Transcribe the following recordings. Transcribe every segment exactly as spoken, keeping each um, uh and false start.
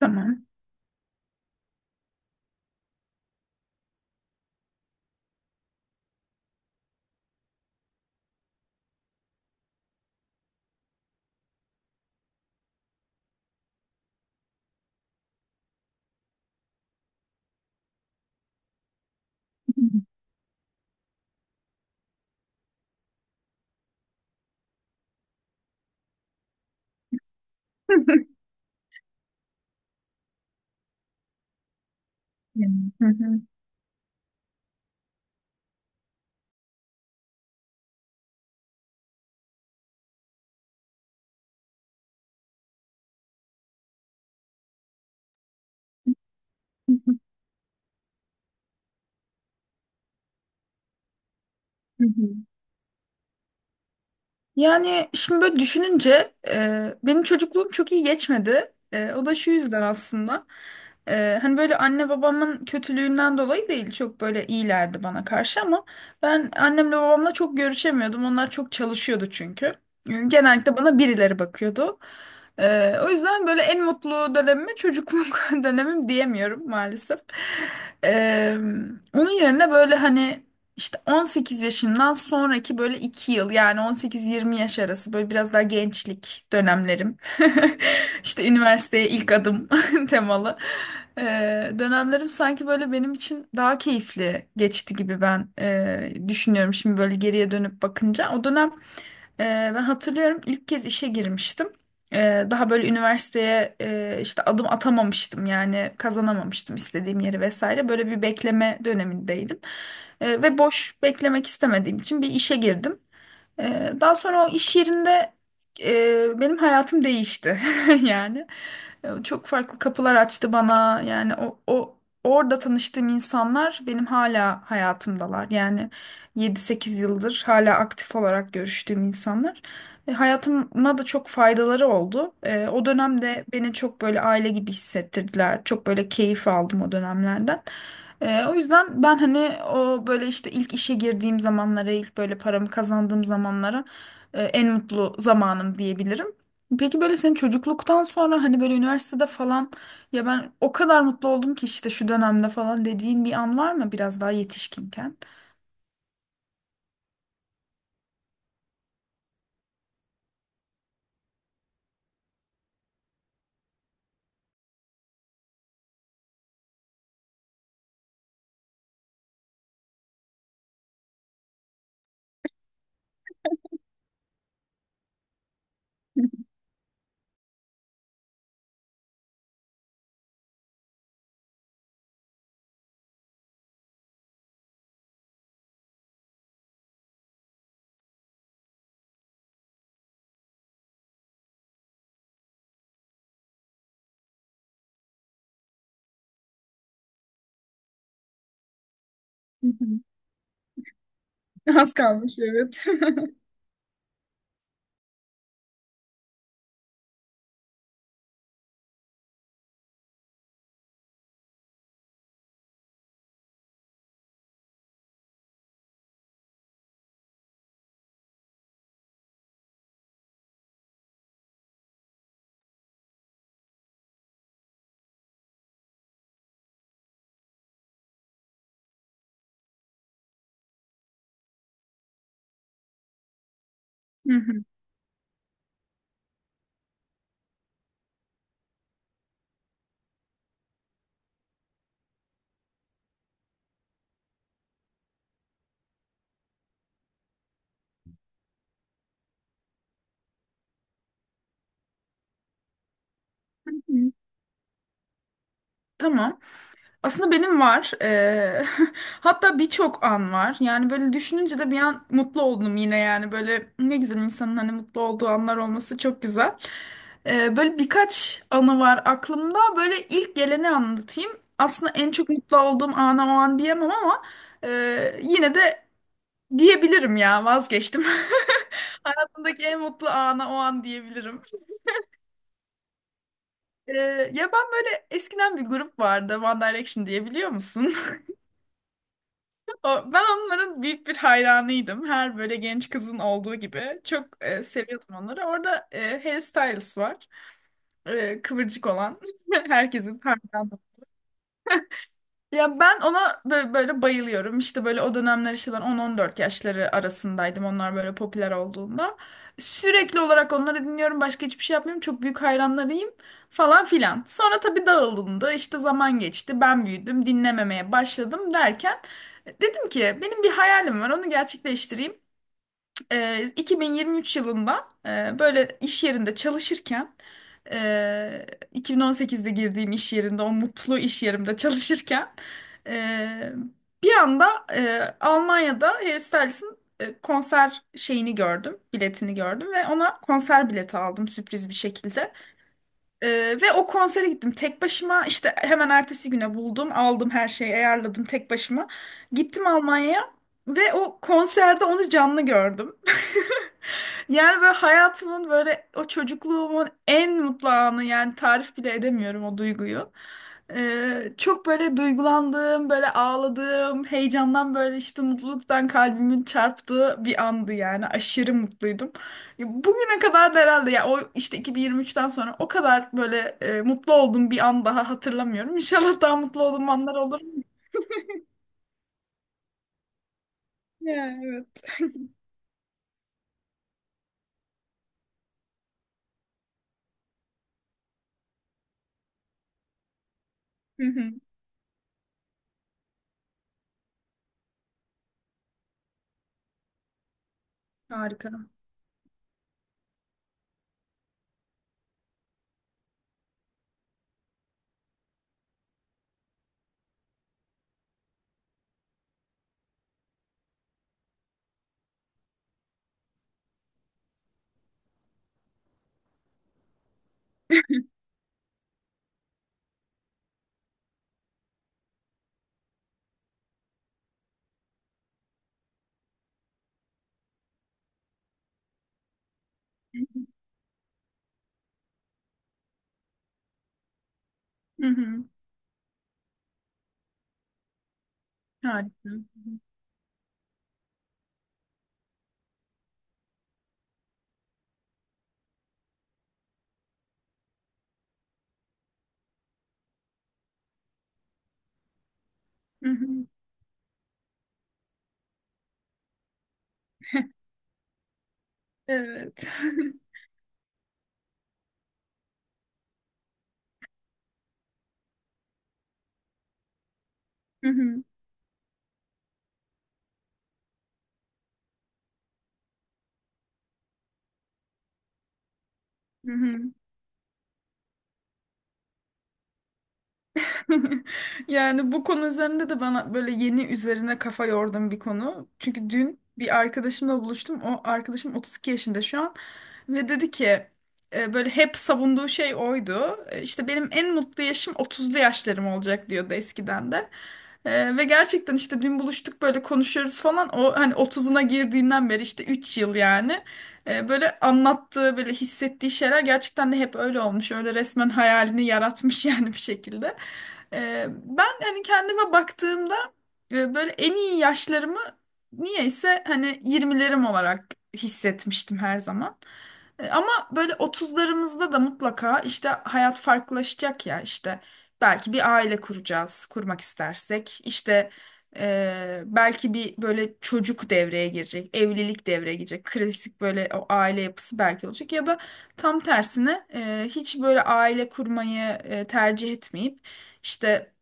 Tamam. Yani, hı hı, hı hı. Yani şimdi böyle düşününce e, benim çocukluğum çok iyi geçmedi. E, o da şu yüzden aslında. E, hani böyle anne babamın kötülüğünden dolayı değil, çok böyle iyilerdi bana karşı, ama ben annemle babamla çok görüşemiyordum. Onlar çok çalışıyordu çünkü. E, Genellikle bana birileri bakıyordu. E, o yüzden böyle en mutlu dönemime çocukluk dönemim diyemiyorum maalesef. E, Onun yerine böyle hani, İşte on sekiz yaşından sonraki böyle iki yıl, yani on sekiz yirmi yaş arası, böyle biraz daha gençlik dönemlerim. İşte üniversiteye ilk adım temalı. Ee, dönemlerim sanki böyle benim için daha keyifli geçti gibi ben e, düşünüyorum şimdi böyle geriye dönüp bakınca. O dönem ee, ben hatırlıyorum ilk kez işe girmiştim. Ee, daha böyle üniversiteye e, işte adım atamamıştım, yani kazanamamıştım istediğim yeri vesaire. Böyle bir bekleme dönemindeydim. Ee, ve boş beklemek istemediğim için bir işe girdim. Ee, Daha sonra o iş yerinde e, benim hayatım değişti yani e, çok farklı kapılar açtı bana, yani o, o orada tanıştığım insanlar benim hala hayatımdalar, yani yedi sekiz yıldır hala aktif olarak görüştüğüm insanlar. E, hayatıma da çok faydaları oldu. E, o dönemde beni çok böyle aile gibi hissettirdiler, çok böyle keyif aldım o dönemlerden. Ee, o yüzden ben hani o böyle işte ilk işe girdiğim zamanlara, ilk böyle paramı kazandığım zamanlara e, en mutlu zamanım diyebilirim. Peki böyle senin çocukluktan sonra, hani böyle üniversitede falan, ya ben o kadar mutlu oldum ki işte şu dönemde falan dediğin bir an var mı biraz daha yetişkinken? Hı hı. Az kalmış, evet. Hı hı. Hı. Tamam. Aslında benim var. Ee, hatta birçok an var. Yani böyle düşününce de bir an mutlu oldum yine, yani. Böyle ne güzel, insanın hani mutlu olduğu anlar olması çok güzel. Ee, böyle birkaç anı var aklımda. Böyle ilk geleni anlatayım. Aslında en çok mutlu olduğum ana o an diyemem, ama e, yine de diyebilirim. Ya, vazgeçtim. Hayatımdaki en mutlu ana o an diyebilirim. Ee, Ya, ben böyle eskiden bir grup vardı, One Direction diye, biliyor musun? O- Ben onların büyük bir hayranıydım. Her böyle genç kızın olduğu gibi. Çok e, seviyordum onları. Orada e, Harry Styles var. E, kıvırcık olan. Herkesin hayranı. Ya, ben ona böyle, böyle bayılıyorum. İşte böyle o dönemler, işte ben on on dört yaşları arasındaydım. Onlar böyle popüler olduğunda. Sürekli olarak onları dinliyorum. Başka hiçbir şey yapmıyorum. Çok büyük hayranlarıyım falan filan. Sonra tabii dağılındı. İşte zaman geçti. Ben büyüdüm. Dinlememeye başladım, derken e, dedim ki, benim bir hayalim var. Onu gerçekleştireyim. e, iki bin yirmi üç yılında e, böyle iş yerinde çalışırken, e, iki bin on sekizde girdiğim iş yerinde, o mutlu iş yerimde çalışırken, e, bir anda e, Almanya'da Harry Styles'ın e, konser şeyini gördüm, biletini gördüm ve ona konser bileti aldım, sürpriz bir şekilde. Ee, Ve o konsere gittim tek başıma, işte hemen ertesi güne buldum, aldım, her şeyi ayarladım, tek başıma gittim Almanya'ya ve o konserde onu canlı gördüm. Yani böyle hayatımın, böyle o çocukluğumun en mutlu anı, yani tarif bile edemiyorum o duyguyu. Ee, çok böyle duygulandığım, böyle ağladığım, heyecandan böyle işte mutluluktan kalbimin çarptığı bir andı, yani aşırı mutluydum. Ya, Bugüne kadar da herhalde, ya o işte iki bin yirmi üçten sonra o kadar böyle e, mutlu olduğum bir an daha hatırlamıyorum. İnşallah daha mutlu olduğum anlar olur. Ya, evet. Hı hı. Harika. Hı hı. Harika. Hı hı. Evet. Hı hı. Hı hı. Yani bu konu üzerinde de bana böyle yeni üzerine kafa yordum, bir konu. Çünkü dün bir arkadaşımla buluştum. O arkadaşım otuz iki yaşında şu an, ve dedi ki, e, böyle hep savunduğu şey oydu. E, İşte benim en mutlu yaşım otuzlu yaşlarım olacak diyordu eskiden de. E, ve gerçekten işte dün buluştuk, böyle konuşuyoruz falan. O hani otuzuna girdiğinden beri, işte üç yıl yani. E, böyle anlattığı böyle hissettiği şeyler gerçekten de hep öyle olmuş. Öyle resmen hayalini yaratmış yani bir şekilde. Ee, ben hani kendime baktığımda e, böyle en iyi yaşlarımı niyeyse hani yirmilerim olarak hissetmiştim her zaman. E, ama böyle otuzlarımızda da mutlaka işte hayat farklılaşacak, ya işte belki bir aile kuracağız, kurmak istersek işte, e, belki bir böyle çocuk devreye girecek, evlilik devreye girecek, klasik böyle o aile yapısı belki olacak, ya da tam tersine e, hiç böyle aile kurmayı e, tercih etmeyip, işte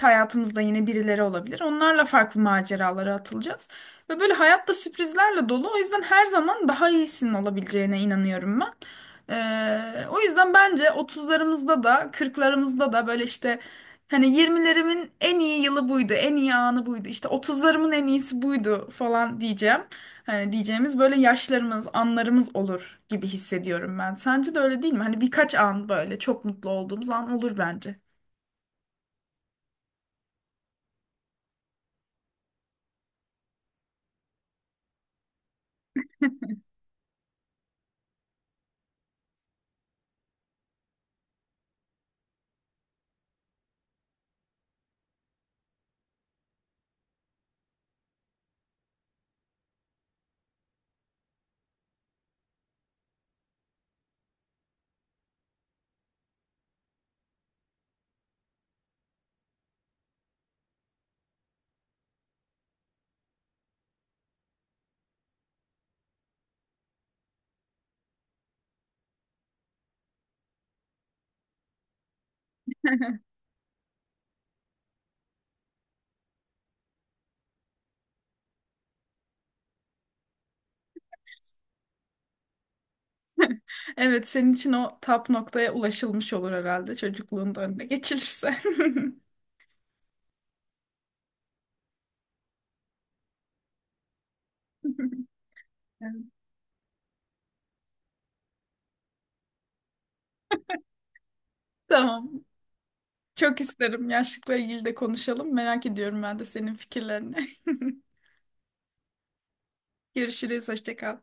hayatımızda yine birileri olabilir. Onlarla farklı maceralara atılacağız. Ve böyle hayatta sürprizlerle dolu. O yüzden her zaman daha iyisinin olabileceğine inanıyorum ben. Ee, o yüzden bence otuzlarımızda da kırklarımızda da böyle işte hani yirmilerimin en iyi yılı buydu, en iyi anı buydu, İşte otuzlarımın en iyisi buydu falan diyeceğim. Hani diyeceğimiz böyle yaşlarımız, anlarımız olur gibi hissediyorum ben. Sence de öyle değil mi? Hani birkaç an böyle çok mutlu olduğumuz an olur bence. Evet, senin için o tap noktaya ulaşılmış olur herhalde, çocukluğun da önüne geçilirse. Evet. Tamam. Çok isterim. Yaşlılıkla ilgili de konuşalım. Merak ediyorum ben de senin fikirlerini. Görüşürüz. Hoşça kal.